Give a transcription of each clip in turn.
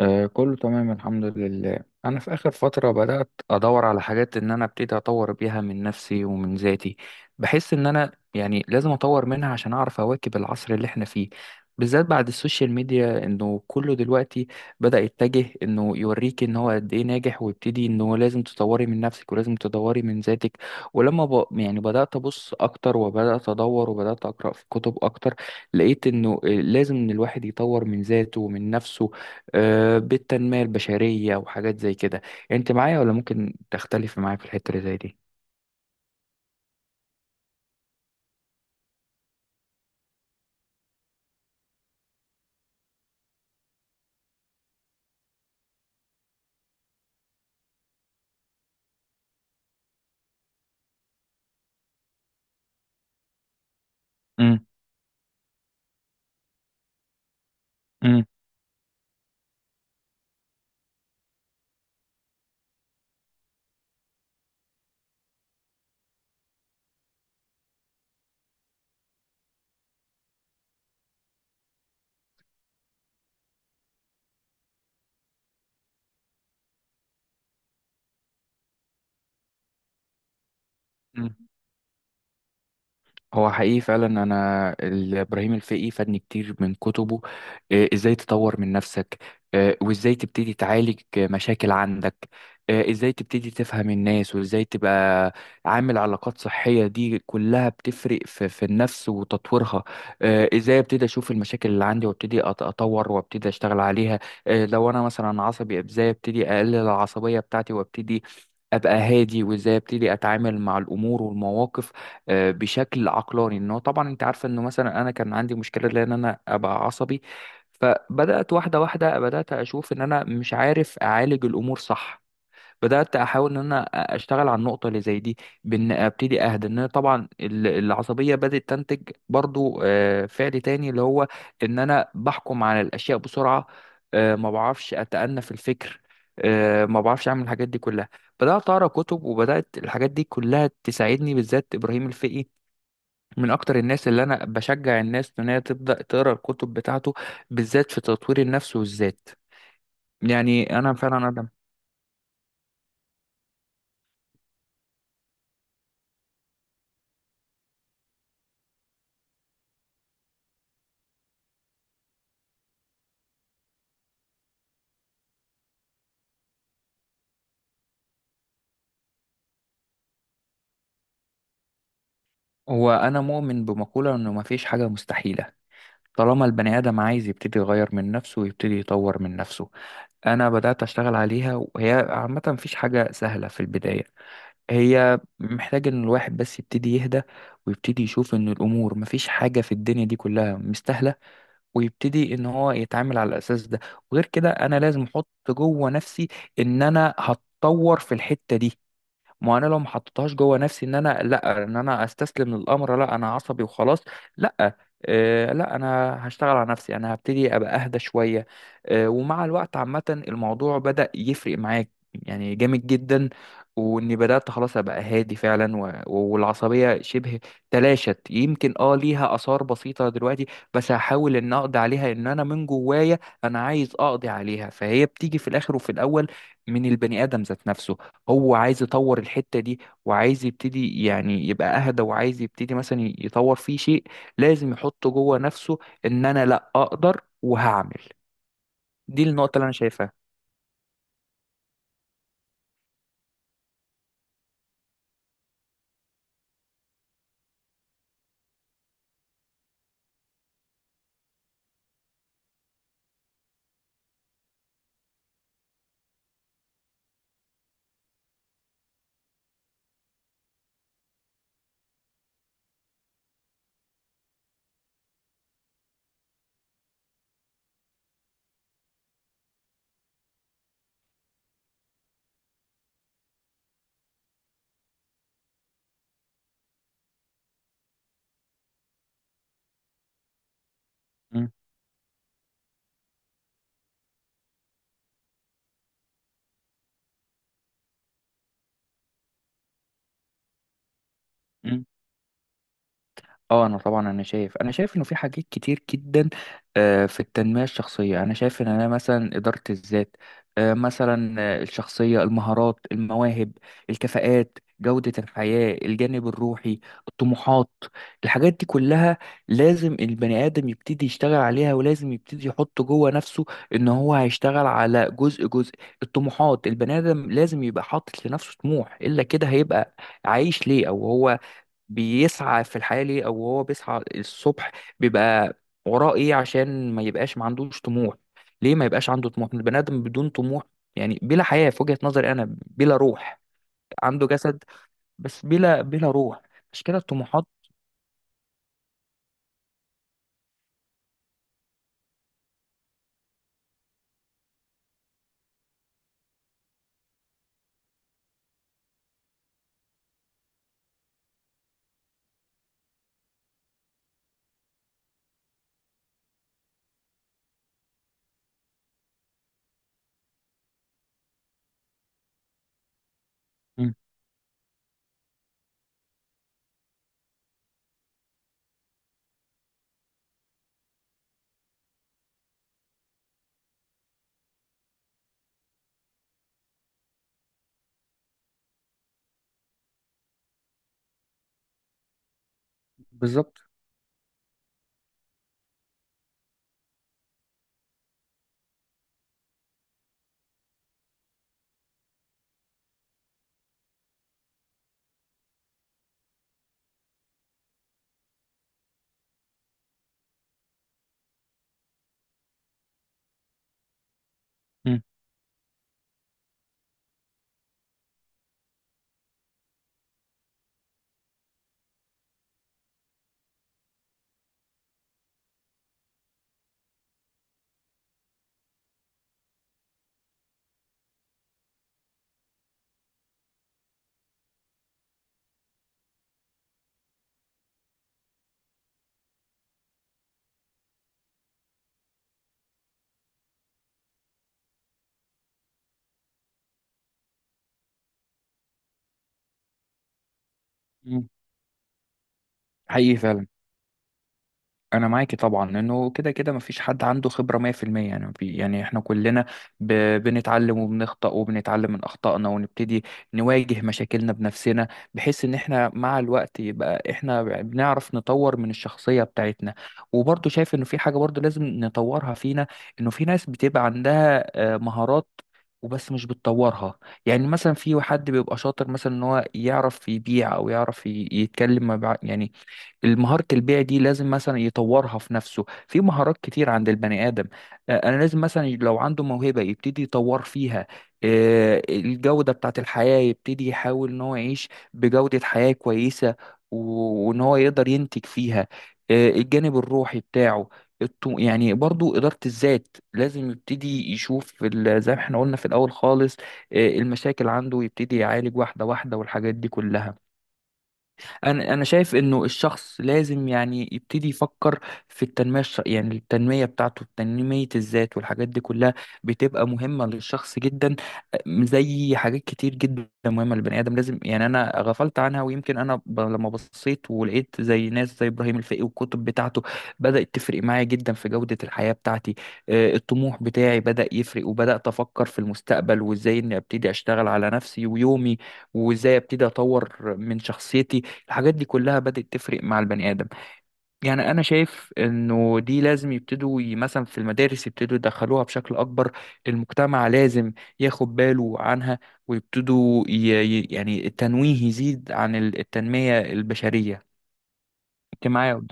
آه كله تمام الحمد لله. انا في اخر فتره بدات ادور على حاجات ان انا ابتدي اطور بيها من نفسي ومن ذاتي. بحس ان انا يعني لازم اطور منها عشان اعرف اواكب العصر اللي احنا فيه، بالذات بعد السوشيال ميديا انه كله دلوقتي بدا يتجه انه يوريك ان هو قد ايه ناجح، ويبتدي انه لازم تطوري من نفسك ولازم تدوري من ذاتك. ولما يعني بدات ابص اكتر وبدات ادور وبدات اقرا في كتب اكتر، لقيت انه لازم إن الواحد يطور من ذاته ومن نفسه، بالتنمية البشرية وحاجات زي كده. انت معايا ولا ممكن تختلف معايا في الحتة اللي زي دي؟ امم، امم. هو حقيقي فعلا انا ابراهيم الفقي فادني كتير من كتبه. ازاي تطور من نفسك، وازاي تبتدي تعالج مشاكل عندك، ازاي تبتدي تفهم الناس وازاي تبقى عامل علاقات صحية، دي كلها بتفرق في النفس وتطويرها. ازاي ابتدي اشوف المشاكل اللي عندي وابتدي اطور وابتدي اشتغل عليها. لو انا مثلا عصبي ازاي ابتدي اقلل العصبية بتاعتي وابتدي ابقى هادي، وازاي ابتدي اتعامل مع الامور والمواقف بشكل عقلاني. ان هو طبعا انت عارفه انه مثلا انا كان عندي مشكله لان انا ابقى عصبي. فبدات واحده واحده، بدات اشوف ان انا مش عارف اعالج الامور صح. بدات احاول ان انا اشتغل على النقطه اللي زي دي، بان ابتدي اهدى. ان أنا طبعا العصبيه بدات تنتج برضو فعل تاني اللي هو ان انا بحكم على الاشياء بسرعه، ما بعرفش اتأنى في الفكر، ما بعرفش اعمل الحاجات دي كلها. بدات اقرا كتب، وبدات الحاجات دي كلها تساعدني، بالذات ابراهيم الفقي من اكتر الناس اللي انا بشجع الناس ان هي تبدا تقرا الكتب بتاعته، بالذات في تطوير النفس والذات. يعني انا فعلا ادم. هو انا مؤمن بمقوله انه مفيش حاجه مستحيله، طالما البني ادم عايز يبتدي يغير من نفسه ويبتدي يطور من نفسه. انا بدات اشتغل عليها، وهي عامه مفيش حاجه سهله في البدايه، هي محتاج ان الواحد بس يبتدي يهدى ويبتدي يشوف ان الامور مفيش حاجه في الدنيا دي كلها مستاهله، ويبتدي ان هو يتعامل على الاساس ده. وغير كده انا لازم احط جوه نفسي ان انا هتطور في الحتة دي. ما انا لو ما حطيتهاش جوه نفسي ان انا لا، ان انا استسلم للامر، لا انا عصبي وخلاص، لا. لا انا هشتغل على نفسي، انا هبتدي ابقى اهدى شويه. ومع الوقت عامه الموضوع بدأ يفرق معاك يعني جامد جدا، واني بدأت خلاص ابقى هادي فعلا والعصبيه شبه تلاشت، يمكن ليها اثار بسيطه دلوقتي، بس هحاول ان اقضي عليها، ان انا من جوايا انا عايز اقضي عليها. فهي بتيجي في الاخر وفي الاول من البني ادم ذات نفسه، هو عايز يطور الحتة دي، وعايز يبتدي يعني يبقى أهدى، وعايز يبتدي مثلا يطور فيه شيء. لازم يحط جوه نفسه إن أنا لأ، أقدر وهعمل. دي النقطة اللي أنا شايفها. م- اه انا طبعا انا شايف انه في حاجات كتير جدا في التنميه الشخصيه، انا شايف ان انا مثلا اداره الذات، مثلا الشخصيه، المهارات، المواهب، الكفاءات، جوده الحياه، الجانب الروحي، الطموحات. الحاجات دي كلها لازم البني ادم يبتدي يشتغل عليها، ولازم يبتدي يحط جوه نفسه ان هو هيشتغل على جزء جزء. الطموحات، البني ادم لازم يبقى حاطط لنفسه طموح، الا كده هيبقى عايش ليه، او هو بيسعى في الحياة ليه، أو هو بيسعى الصبح بيبقى وراه إيه، عشان ما يبقاش ما عندوش طموح. ليه ما يبقاش عنده طموح؟ البني آدم بدون طموح يعني بلا حياة، في وجهة نظري أنا بلا روح، عنده جسد بس بلا روح. مش كده الطموحات؟ مم. بالظبط. مم. مم. حقيقي فعلا. انا معاكي طبعا لانه كده كده مفيش حد عنده خبره 100%، يعني يعني احنا كلنا ب... بنتعلم وبنخطأ وبنتعلم من اخطائنا، ونبتدي نواجه مشاكلنا بنفسنا، بحيث ان احنا مع الوقت يبقى احنا بنعرف نطور من الشخصيه بتاعتنا. وبرضه شايف انه في حاجه برضه لازم نطورها فينا، انه في ناس بتبقى عندها مهارات وبس مش بتطورها. يعني مثلا في حد بيبقى شاطر مثلا ان هو يعرف يبيع او يعرف يتكلم مع، يعني مهارة البيع دي لازم مثلا يطورها في نفسه. في مهارات كتير عند البني آدم. أنا لازم مثلا لو عنده موهبة يبتدي يطور فيها، الجودة بتاعت الحياة يبتدي يحاول إن هو يعيش بجودة حياة كويسة، وإن هو يقدر ينتج فيها، الجانب الروحي بتاعه. يعني برضو إدارة الذات لازم يبتدي يشوف زي ما احنا قلنا في الأول خالص، المشاكل عنده يبتدي يعالج واحدة واحدة، والحاجات دي كلها. انا شايف انه الشخص لازم يعني يبتدي يفكر في التنميه يعني التنميه بتاعته، تنميه الذات والحاجات دي كلها بتبقى مهمه للشخص جدا. زي حاجات كتير جدا مهمه للبني ادم، لازم يعني انا غفلت عنها، ويمكن انا لما بصيت ولقيت زي ناس زي ابراهيم الفقي والكتب بتاعته، بدات تفرق معايا جدا في جوده الحياه بتاعتي. الطموح بتاعي بدا يفرق، وبدات افكر في المستقبل وازاي اني ابتدي اشتغل على نفسي ويومي، وازاي ابتدي اطور من شخصيتي. الحاجات دي كلها بدأت تفرق مع البني آدم. يعني أنا شايف إنه دي لازم يبتدوا مثلا في المدارس يبتدوا يدخلوها بشكل أكبر، المجتمع لازم ياخد باله عنها، ويبتدوا يعني التنويه يزيد عن التنمية البشرية. أنت معايا؟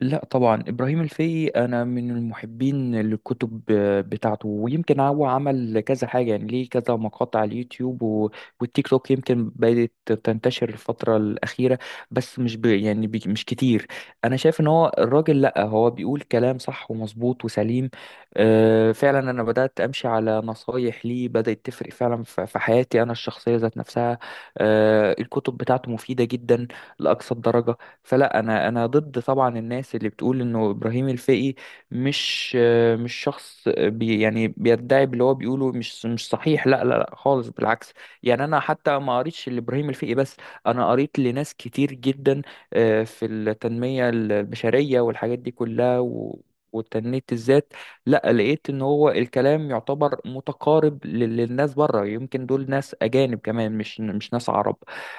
لا طبعا، ابراهيم الفقي انا من المحبين للكتب بتاعته، ويمكن هو عمل كذا حاجه، يعني ليه كذا مقاطع على اليوتيوب والتيك توك، يمكن بدات تنتشر الفتره الاخيره، بس مش مش كتير. انا شايف ان هو الراجل لا، هو بيقول كلام صح ومظبوط وسليم. أه فعلا انا بدات امشي على نصايح ليه، بدات تفرق فعلا في حياتي انا الشخصيه ذات نفسها. أه الكتب بتاعته مفيده جدا لاقصى الدرجه. فلا انا ضد طبعا الناس اللي بتقول انه ابراهيم الفقي مش شخص بي يعني بيدعي باللي هو بيقوله، مش صحيح، لا لا لا خالص، بالعكس. يعني انا حتى ما قريتش لابراهيم الفقي بس، انا قريت لناس كتير جدا في التنمية البشرية والحاجات دي كلها وتنمية الذات. لا لقيت ان هو الكلام يعتبر متقارب للناس بره، يمكن دول ناس اجانب كمان، مش ناس عرب.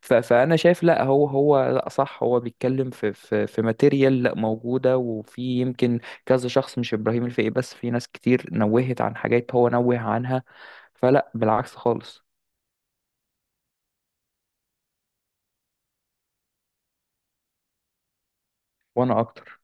فانا شايف لا، هو لا صح، هو بيتكلم في ماتيريال لا موجوده، وفي يمكن كذا شخص مش ابراهيم الفقي بس، في ناس كتير نوهت عن حاجات هو نوه عنها. فلا، بالعكس خالص. وانا اكتر.